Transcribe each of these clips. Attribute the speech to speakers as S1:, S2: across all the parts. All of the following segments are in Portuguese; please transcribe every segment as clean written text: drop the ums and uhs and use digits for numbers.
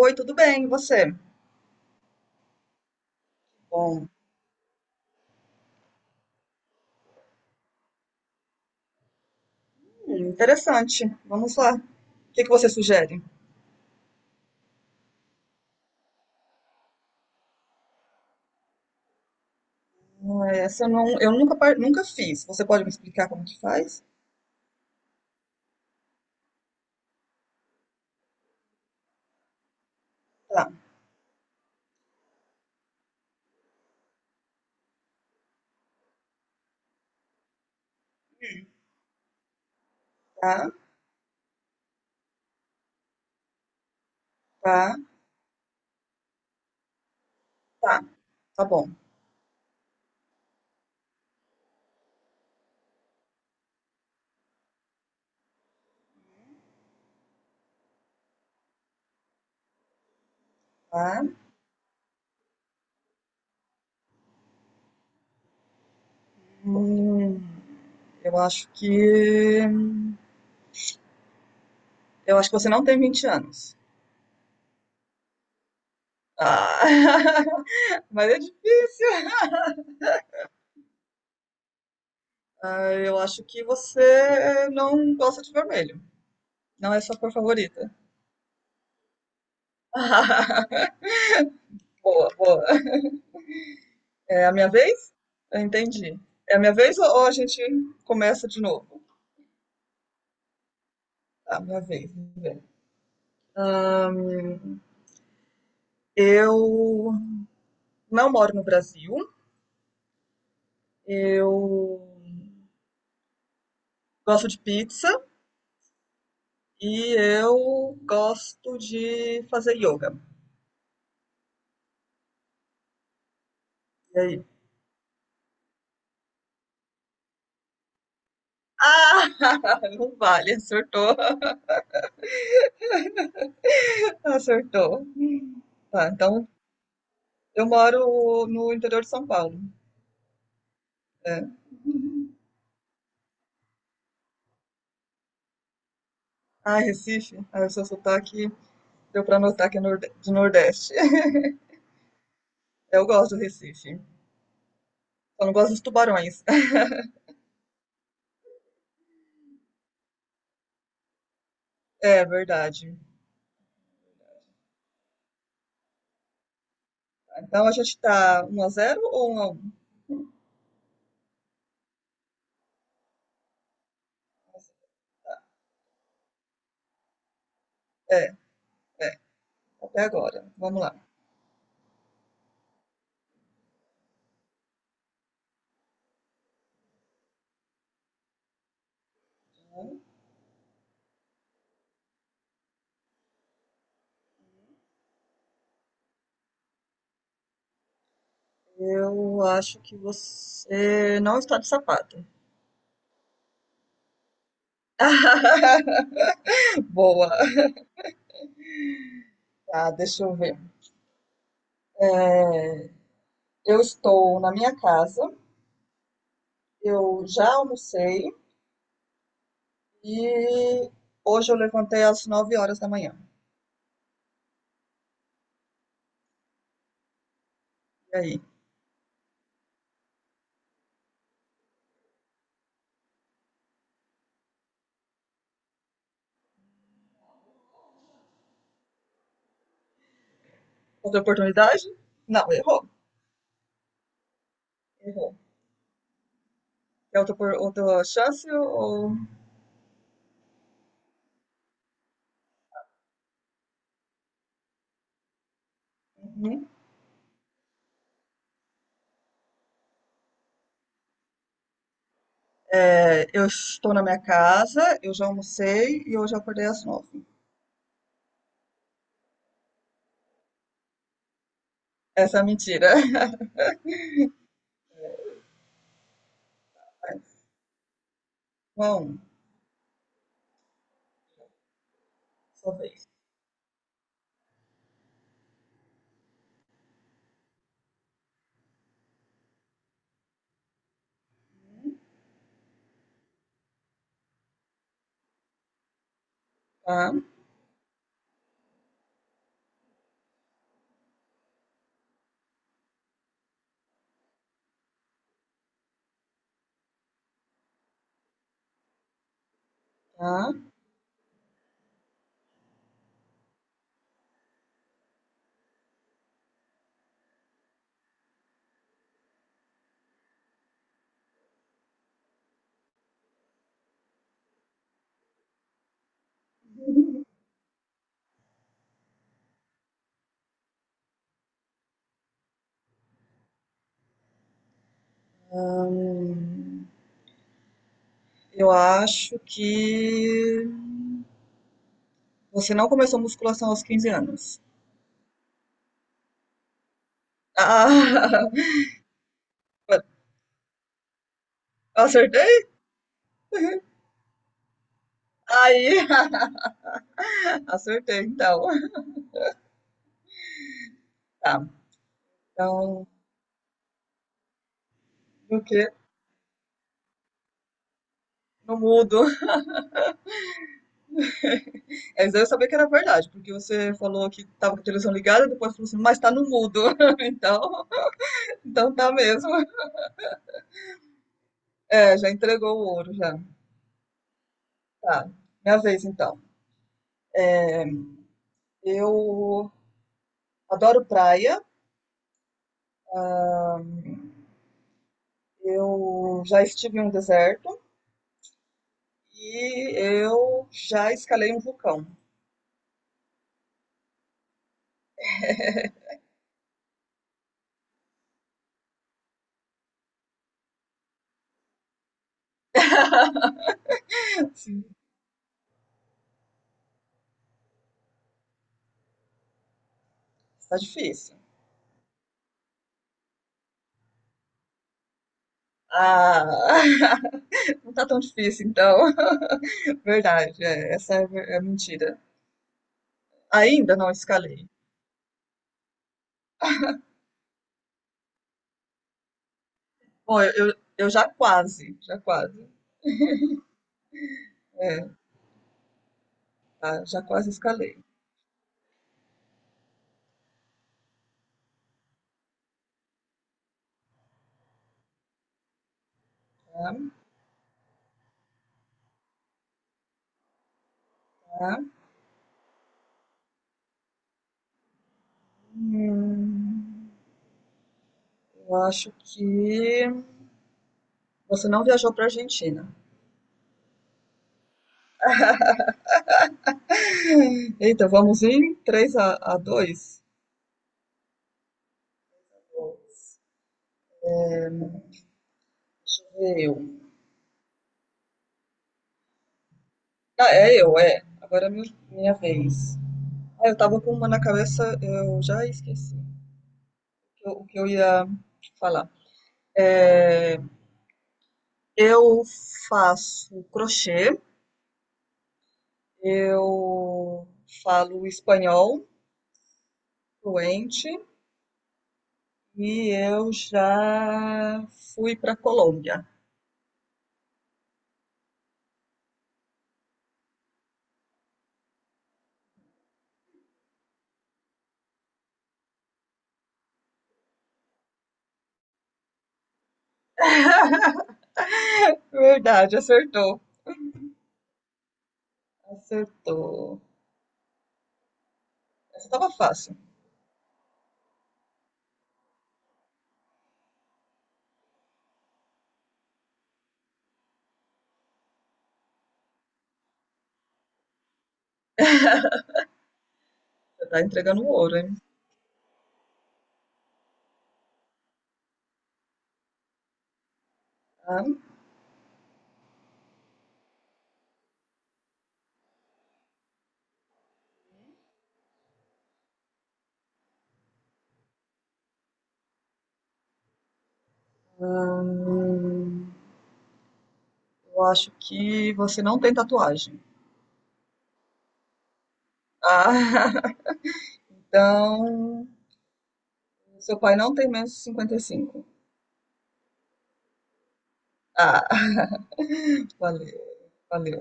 S1: Oi, tudo bem? E você? Bom, interessante. Vamos lá. O que que você sugere? Ah, essa eu, não, eu nunca, nunca fiz. Você pode me explicar como que faz? Tá, tá, tá, tá. Tá bom. Tá. Hum, eu acho que. Eu acho que você não tem 20 anos. Ah, mas é difícil. Ah, eu acho que você não gosta de vermelho. Não é sua cor favorita. Boa, boa. É a minha vez? Eu entendi. É a minha vez ou a gente começa de novo? Tá, minha vez. Vamos ver. Eu não moro no Brasil. Eu gosto de pizza e eu gosto de fazer yoga. E aí? Ah, não vale, acertou. Acertou. Tá, então eu moro no interior de São Paulo. É. Ah, Recife. Ah, o seu sotaque deu pra notar que é de Nordeste. Eu gosto do Recife. Só não gosto dos tubarões. É verdade. Então a gente tá 1-0 ou um? X 1 É, até agora. Vamos lá. Eu acho que você não está de sapato. Boa. Tá, deixa eu ver. Eu estou na minha casa, eu já almocei e hoje eu levantei às 9 horas da manhã. E aí? Outra oportunidade? Não, errou. Errou. É outra, outra chance ou. Uhum. É, eu estou na minha casa, eu já almocei e hoje eu acordei às 9. Essa é a mentira. Bom, sua vez. Tá, tá. Hum, eu acho que você não começou musculação aos 15 anos. Ah, acertei? Aí, acertei, então. Tá. Então, o quê? No mudo. Mas eu sabia que era verdade, porque você falou que tava com a televisão ligada, depois falou assim, mas tá no mudo. Então, tá mesmo. É, já entregou o ouro, já. Tá, minha vez então. Eu adoro praia, eu já estive em um deserto e eu já escalei um vulcão. Sim, tá difícil. Ah, não tá tão difícil então. Verdade, é, essa é, é mentira. Ainda não escalei. Bom, eu já quase, já quase. É, tá, já quase escalei. Tá? Tá? Hum, eu acho que. Você não viajou para a Argentina. Eita, vamos em 3 a 2? Deixa eu ver eu. Ah, é eu, é. Agora é minha vez. Ah, eu tava com uma na cabeça, eu já esqueci o que eu ia falar. Eu faço crochê, eu falo espanhol fluente e eu já fui para Colômbia. Verdade, acertou. Acertou. Essa tava fácil. Você tá entregando o ouro, hein? Tá. Hum, eu acho que você não tem tatuagem. Ah, então, seu pai não tem menos de 55. Ah, valeu, valeu.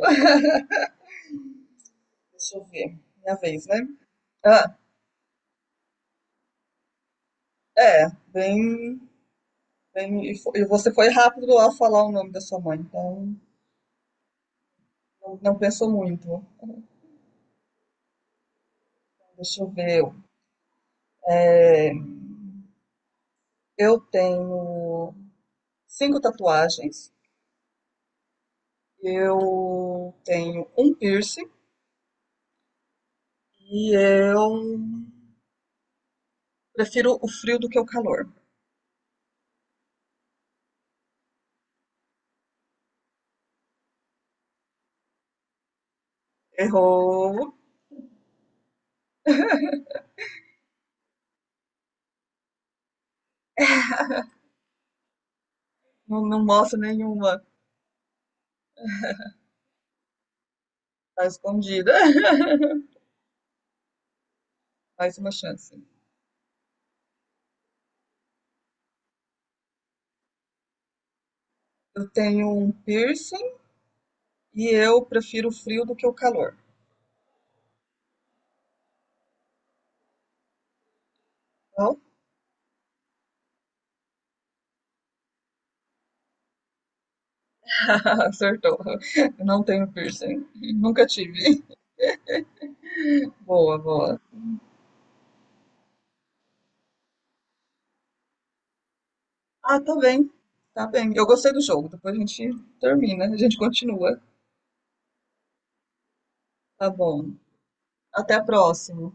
S1: Deixa eu ver. Minha vez, né? Ah, é, bem, bem. E você foi rápido ao falar o nome da sua mãe, então não, não pensou muito. Deixa eu ver. Eu tenho cinco tatuagens, eu tenho um piercing e eu prefiro o frio do que o calor. Errou. Não, não mostra nenhuma. Tá escondida. Mais uma chance. Eu tenho um piercing e eu prefiro o frio do que o calor. Qual? Acertou. Eu não tenho piercing. Nunca tive. Boa, boa. Ah, tá bem. Tá bem. Eu gostei do jogo. Depois a gente termina. A gente continua. Tá bom. Até a próxima.